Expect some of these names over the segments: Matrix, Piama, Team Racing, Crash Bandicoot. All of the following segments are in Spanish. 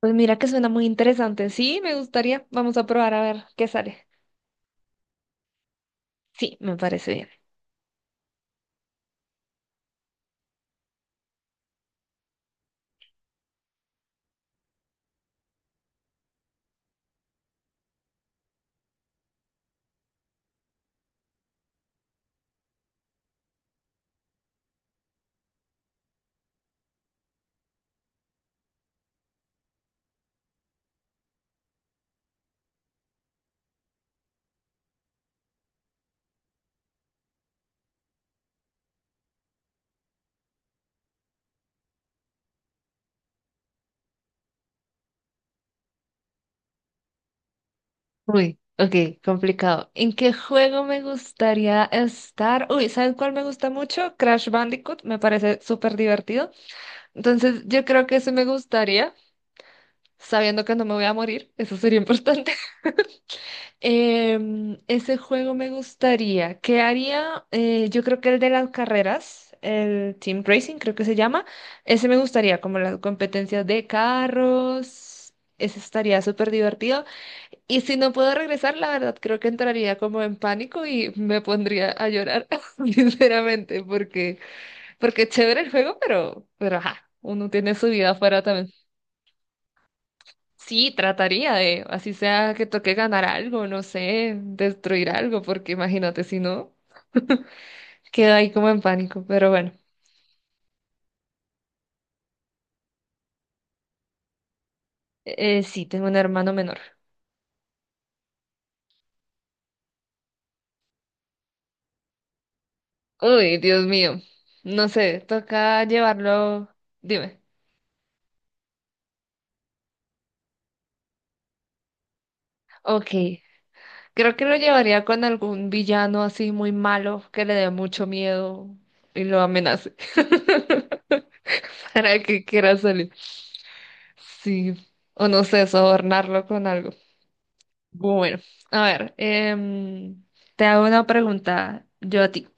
Pues mira que suena muy interesante. Sí, me gustaría. Vamos a probar a ver qué sale. Sí, me parece bien. Uy, ok, complicado. ¿En qué juego me gustaría estar? Uy, ¿sabes cuál me gusta mucho? Crash Bandicoot, me parece súper divertido. Entonces, yo creo que ese me gustaría, sabiendo que no me voy a morir. Eso sería importante. Ese juego me gustaría. ¿Qué haría? Yo creo que el de las carreras, el Team Racing, creo que se llama. Ese me gustaría, como las competencias de carros. Ese estaría súper divertido. Y si no puedo regresar, la verdad, creo que entraría como en pánico y me pondría a llorar, sinceramente, porque es chévere el juego, pero ajá, uno tiene su vida afuera también. Sí, trataría de, así sea que toque ganar algo, no sé, destruir algo, porque imagínate, si no, queda ahí como en pánico. Pero bueno, sí, tengo un hermano menor. Uy, Dios mío, no sé, toca llevarlo, dime. Ok, creo que lo llevaría con algún villano así muy malo que le dé mucho miedo y lo amenace para que quiera salir. Sí, o no sé, sobornarlo con algo. Bueno, a ver, te hago una pregunta yo a ti.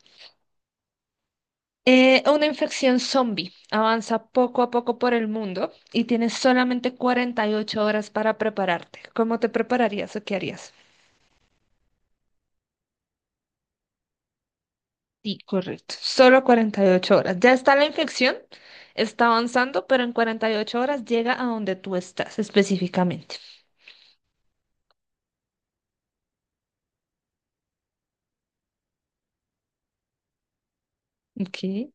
Una infección zombie avanza poco a poco por el mundo y tienes solamente 48 horas para prepararte. ¿Cómo te prepararías o qué harías? Sí, correcto. Solo 48 horas. Ya está la infección, está avanzando, pero en 48 horas llega a donde tú estás específicamente. Ok.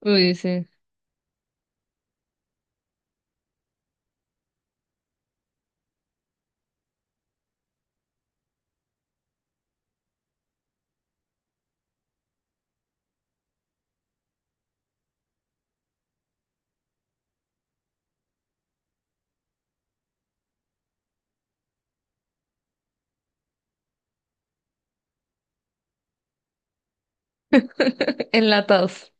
Uy, sí. Enlatados.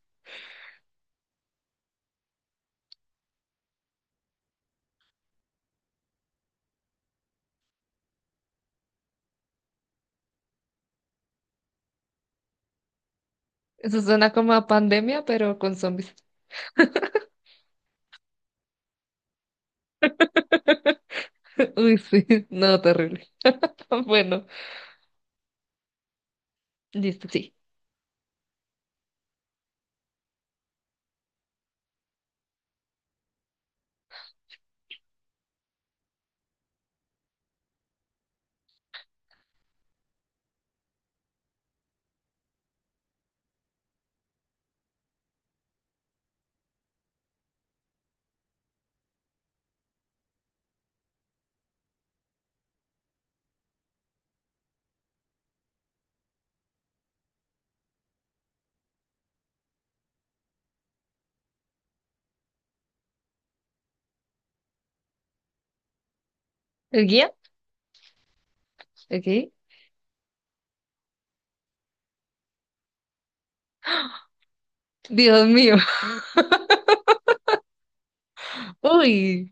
Eso suena como a pandemia, pero con zombies. Uy, sí, no, terrible. Bueno, listo, sí. ¿El guía? Ok. Dios mío. Uy.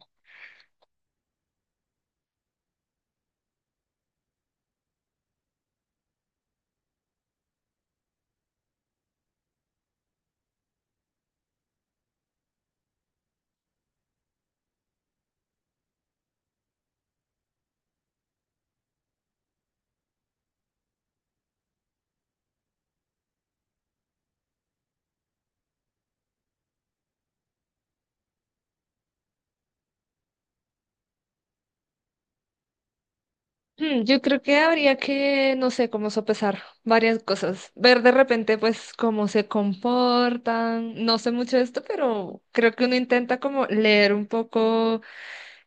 Yo creo que habría que, no sé, cómo sopesar varias cosas. Ver de repente, pues, cómo se comportan. No sé mucho de esto, pero creo que uno intenta como leer un poco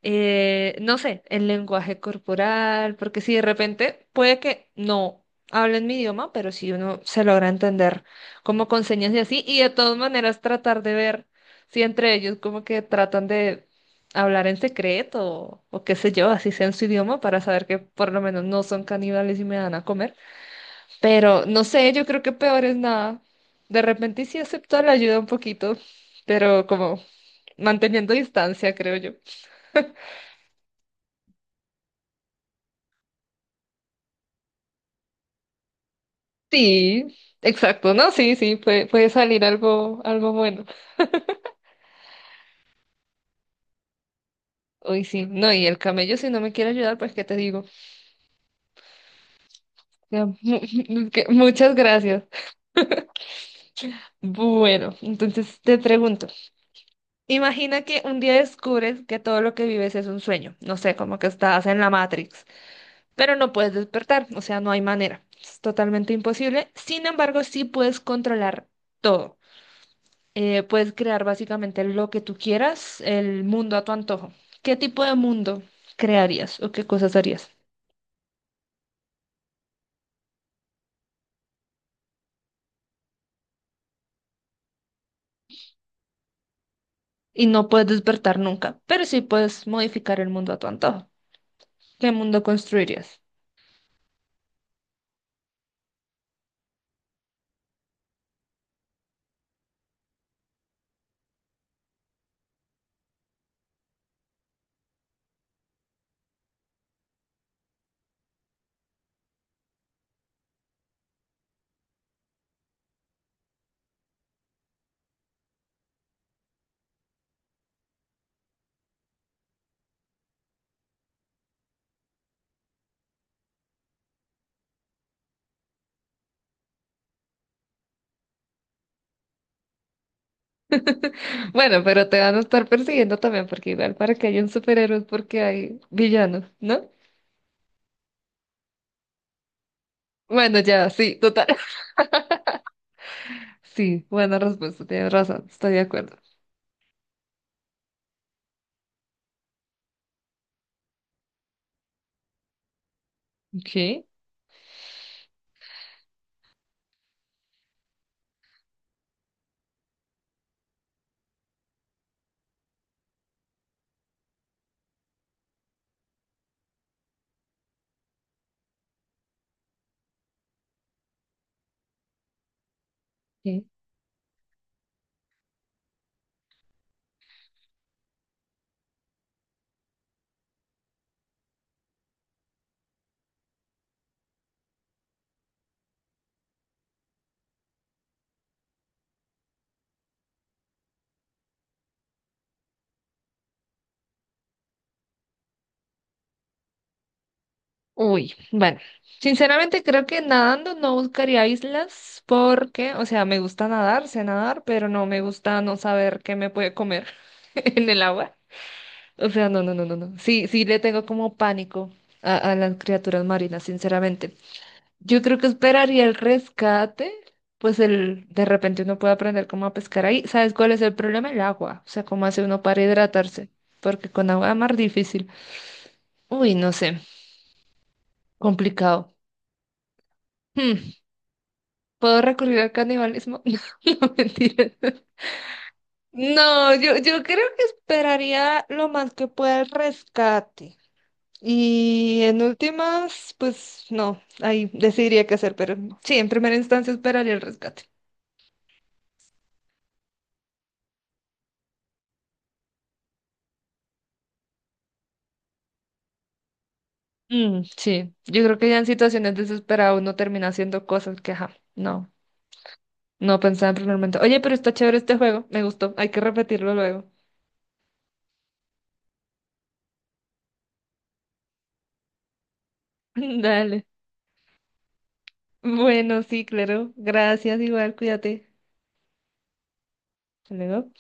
no sé, el lenguaje corporal, porque si de repente puede que no hablen mi idioma, pero si uno se logra entender como con señas y así, y de todas maneras tratar de ver si entre ellos como que tratan de hablar en secreto o qué sé yo, así sea en su idioma para saber que por lo menos no son caníbales y me dan a comer. Pero no sé, yo creo que peor es nada. De repente sí acepto la ayuda un poquito, pero como manteniendo distancia, creo yo. Sí, exacto, no, sí, sí, puede salir algo, algo bueno. Uy, sí, no, y el camello si no me quiere ayudar, pues qué te digo. Ya, Muchas gracias. Bueno, entonces te pregunto, imagina que un día descubres que todo lo que vives es un sueño, no sé, como que estás en la Matrix, pero no puedes despertar, o sea, no hay manera, es totalmente imposible. Sin embargo, sí puedes controlar todo. Puedes crear básicamente lo que tú quieras, el mundo a tu antojo. ¿Qué tipo de mundo crearías o qué cosas harías? Y no puedes despertar nunca, pero sí puedes modificar el mundo a tu antojo. ¿Qué mundo construirías? Bueno, pero te van a estar persiguiendo también, porque igual para que haya un superhéroe es porque hay villanos, ¿no? Bueno, ya, sí, total. Sí, buena respuesta, tienes razón, estoy de acuerdo. Ok, ok. Uy, bueno, sinceramente creo que nadando no buscaría islas porque, o sea, me gusta nadar, sé nadar, pero no me gusta no saber qué me puede comer en el agua. O sea, no, no, no, no, no. Sí, sí le tengo como pánico a las criaturas marinas, sinceramente. Yo creo que esperaría el rescate, pues el, de repente uno puede aprender cómo a pescar ahí. ¿Sabes cuál es el problema? El agua, o sea, cómo hace uno para hidratarse, porque con agua más difícil. Uy, no sé, complicado. Hmm. ¿Puedo recurrir al canibalismo? No, no, mentira. No, yo creo que esperaría lo más que pueda el rescate. Y en últimas, pues no, ahí decidiría qué hacer, pero sí, en primera instancia esperaría el rescate. Mm, sí, yo, creo que ya en situaciones desesperadas uno termina haciendo cosas que, ajá, no, no pensaba en primer momento. Oye, pero está chévere este juego, me gustó, hay que repetirlo luego. Dale. Bueno, sí, claro. Gracias, igual, cuídate. Hasta luego.